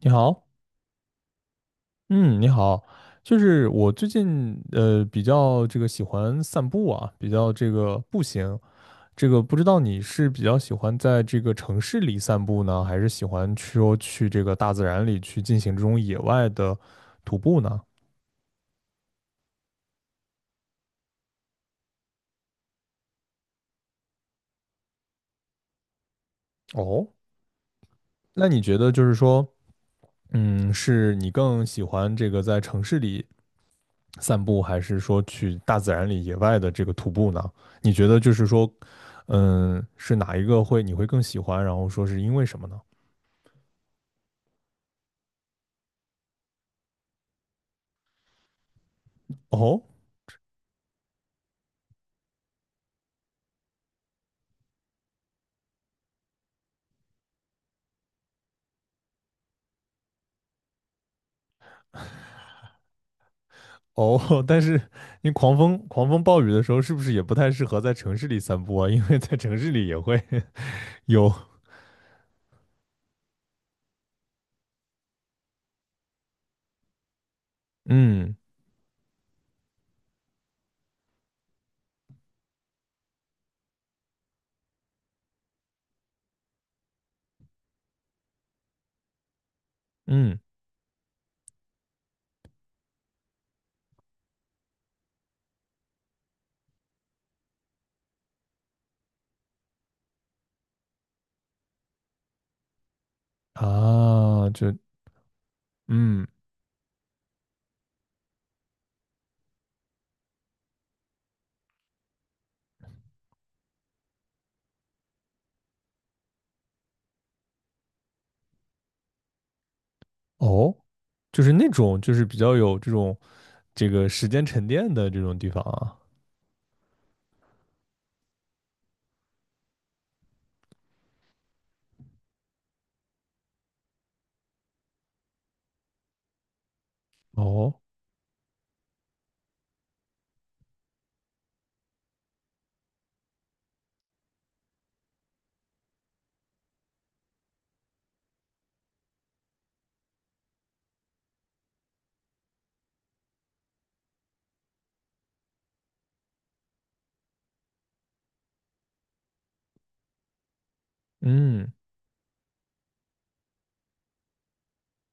你好。嗯，你好。就是我最近比较这个喜欢散步啊，比较这个步行。这个不知道你是比较喜欢在这个城市里散步呢，还是喜欢去说去这个大自然里去进行这种野外的徒步呢？哦，那你觉得就是说，嗯，是你更喜欢这个在城市里散步，还是说去大自然里野外的这个徒步呢？你觉得就是说，嗯，是哪一个会你会更喜欢？然后说是因为什么呢？哦哦，但是你狂风暴雨的时候，是不是也不太适合在城市里散步啊？因为在城市里也会 有。嗯嗯啊，就嗯哦，就是那种就是比较有这种这个时间沉淀的这种地方啊。哦，嗯。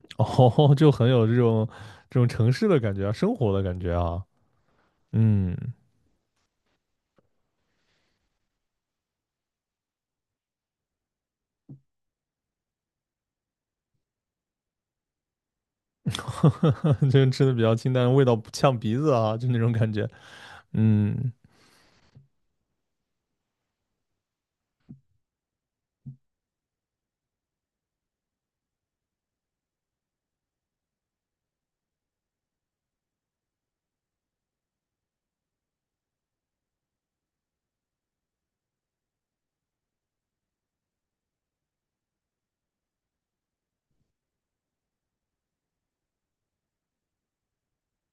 哦，就很有这种城市的感觉啊，生活的感觉啊。嗯，就吃的比较清淡，味道不呛鼻子啊，就那种感觉。嗯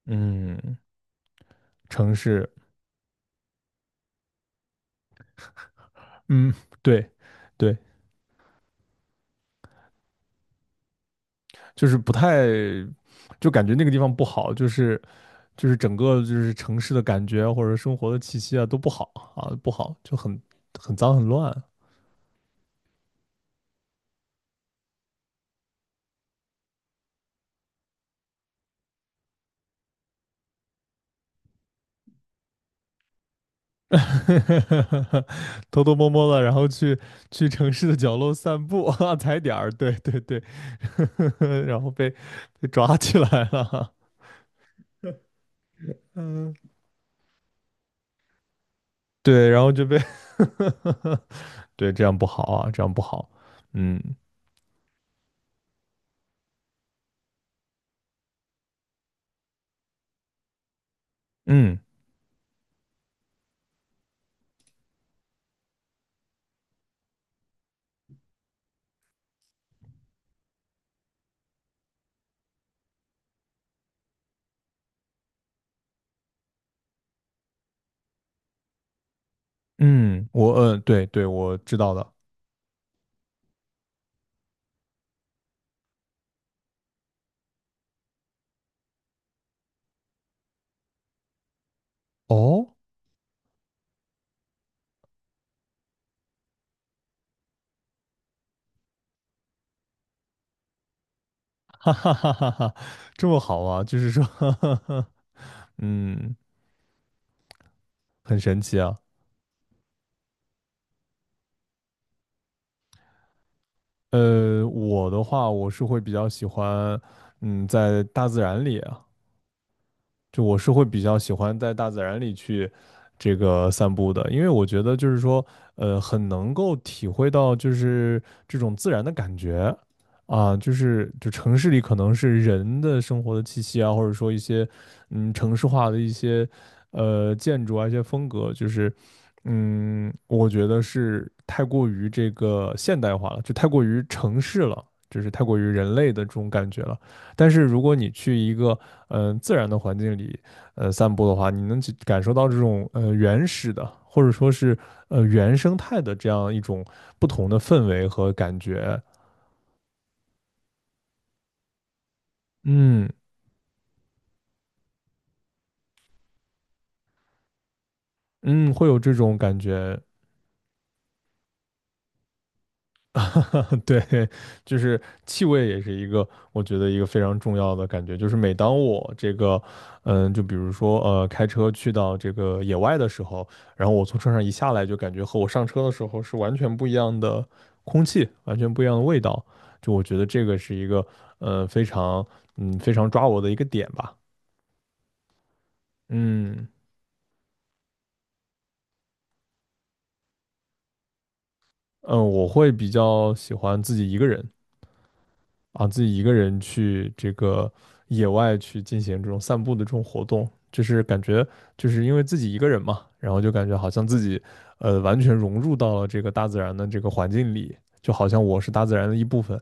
嗯，城市，嗯，对对，就是不太，就感觉那个地方不好，就是整个就是城市的感觉啊或者生活的气息啊都不好啊，不好，就很脏很乱。偷偷摸摸的，然后去城市的角落散步啊，踩点儿，对对对。然后被抓起来了。嗯，对，然后就被 对，这样不好啊，这样不好。嗯嗯嗯，我对对，我知道的。哦，哈哈哈哈哈，这么好啊，就是说。 嗯，很神奇啊。我的话，我是会比较喜欢。嗯，在大自然里啊。就我是会比较喜欢在大自然里去这个散步的，因为我觉得就是说，很能够体会到就是这种自然的感觉啊，就是就城市里可能是人的生活的气息啊，或者说一些城市化的一些建筑啊一些风格，就是我觉得是太过于这个现代化了，就太过于城市了，就是太过于人类的这种感觉了。但是如果你去一个自然的环境里散步的话，你能去感受到这种原始的或者说是原生态的这样一种不同的氛围和感觉。嗯嗯，会有这种感觉。对，就是气味也是一个，我觉得一个非常重要的感觉。就是每当我这个，就比如说开车去到这个野外的时候，然后我从车上一下来，就感觉和我上车的时候是完全不一样的空气，完全不一样的味道。就我觉得这个是一个，非常，非常抓我的一个点吧。嗯嗯，我会比较喜欢自己一个人，啊，自己一个人去这个野外去进行这种散步的这种活动，就是感觉就是因为自己一个人嘛，然后就感觉好像自己完全融入到了这个大自然的这个环境里，就好像我是大自然的一部分，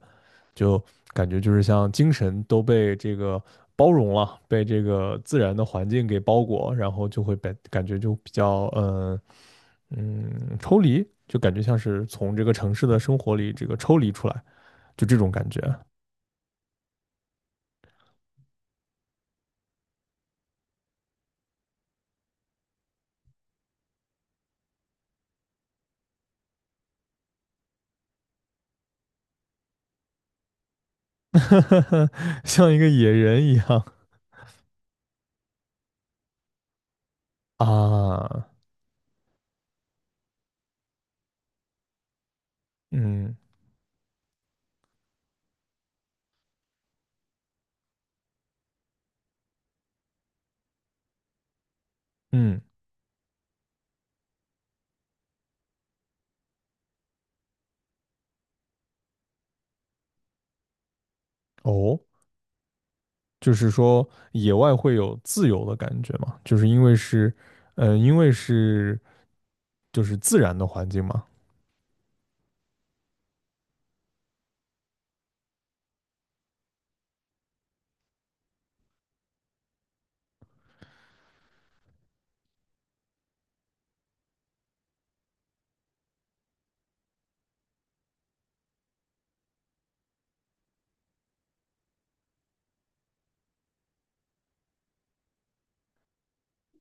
就感觉就是像精神都被这个包容了，被这个自然的环境给包裹，然后就会被感觉就比较抽离，就感觉像是从这个城市的生活里这个抽离出来，就这种感觉。像一个野人一样啊。嗯嗯，哦，就是说野外会有自由的感觉嘛，就是因为是就是自然的环境嘛。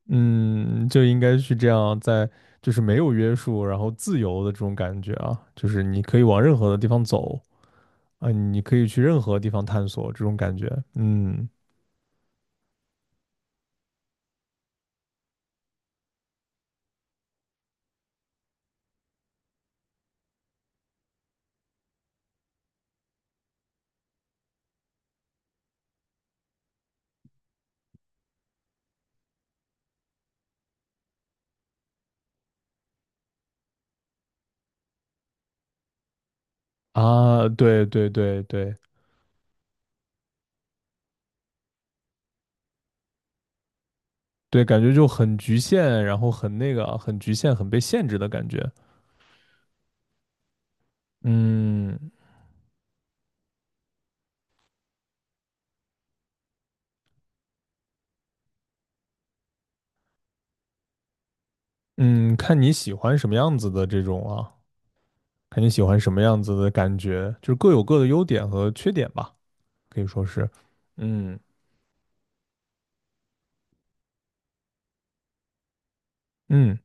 嗯，就应该是这样在，就是没有约束，然后自由的这种感觉啊，就是你可以往任何的地方走啊，你可以去任何地方探索这种感觉。嗯啊，对对对对。对，感觉就很局限，然后很那个，很局限，很被限制的感觉。嗯嗯，看你喜欢什么样子的这种啊，看你喜欢什么样子的感觉，就是各有各的优点和缺点吧，可以说是。嗯嗯，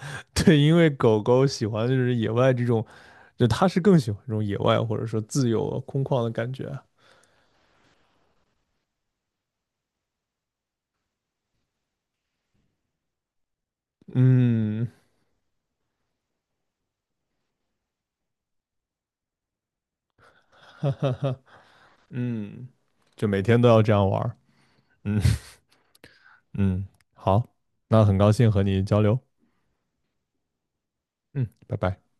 对，因为狗狗喜欢就是野外这种，就它是更喜欢这种野外或者说自由空旷的感觉。嗯 嗯，就每天都要这样玩儿。嗯嗯，好，那很高兴和你交流。嗯，拜拜。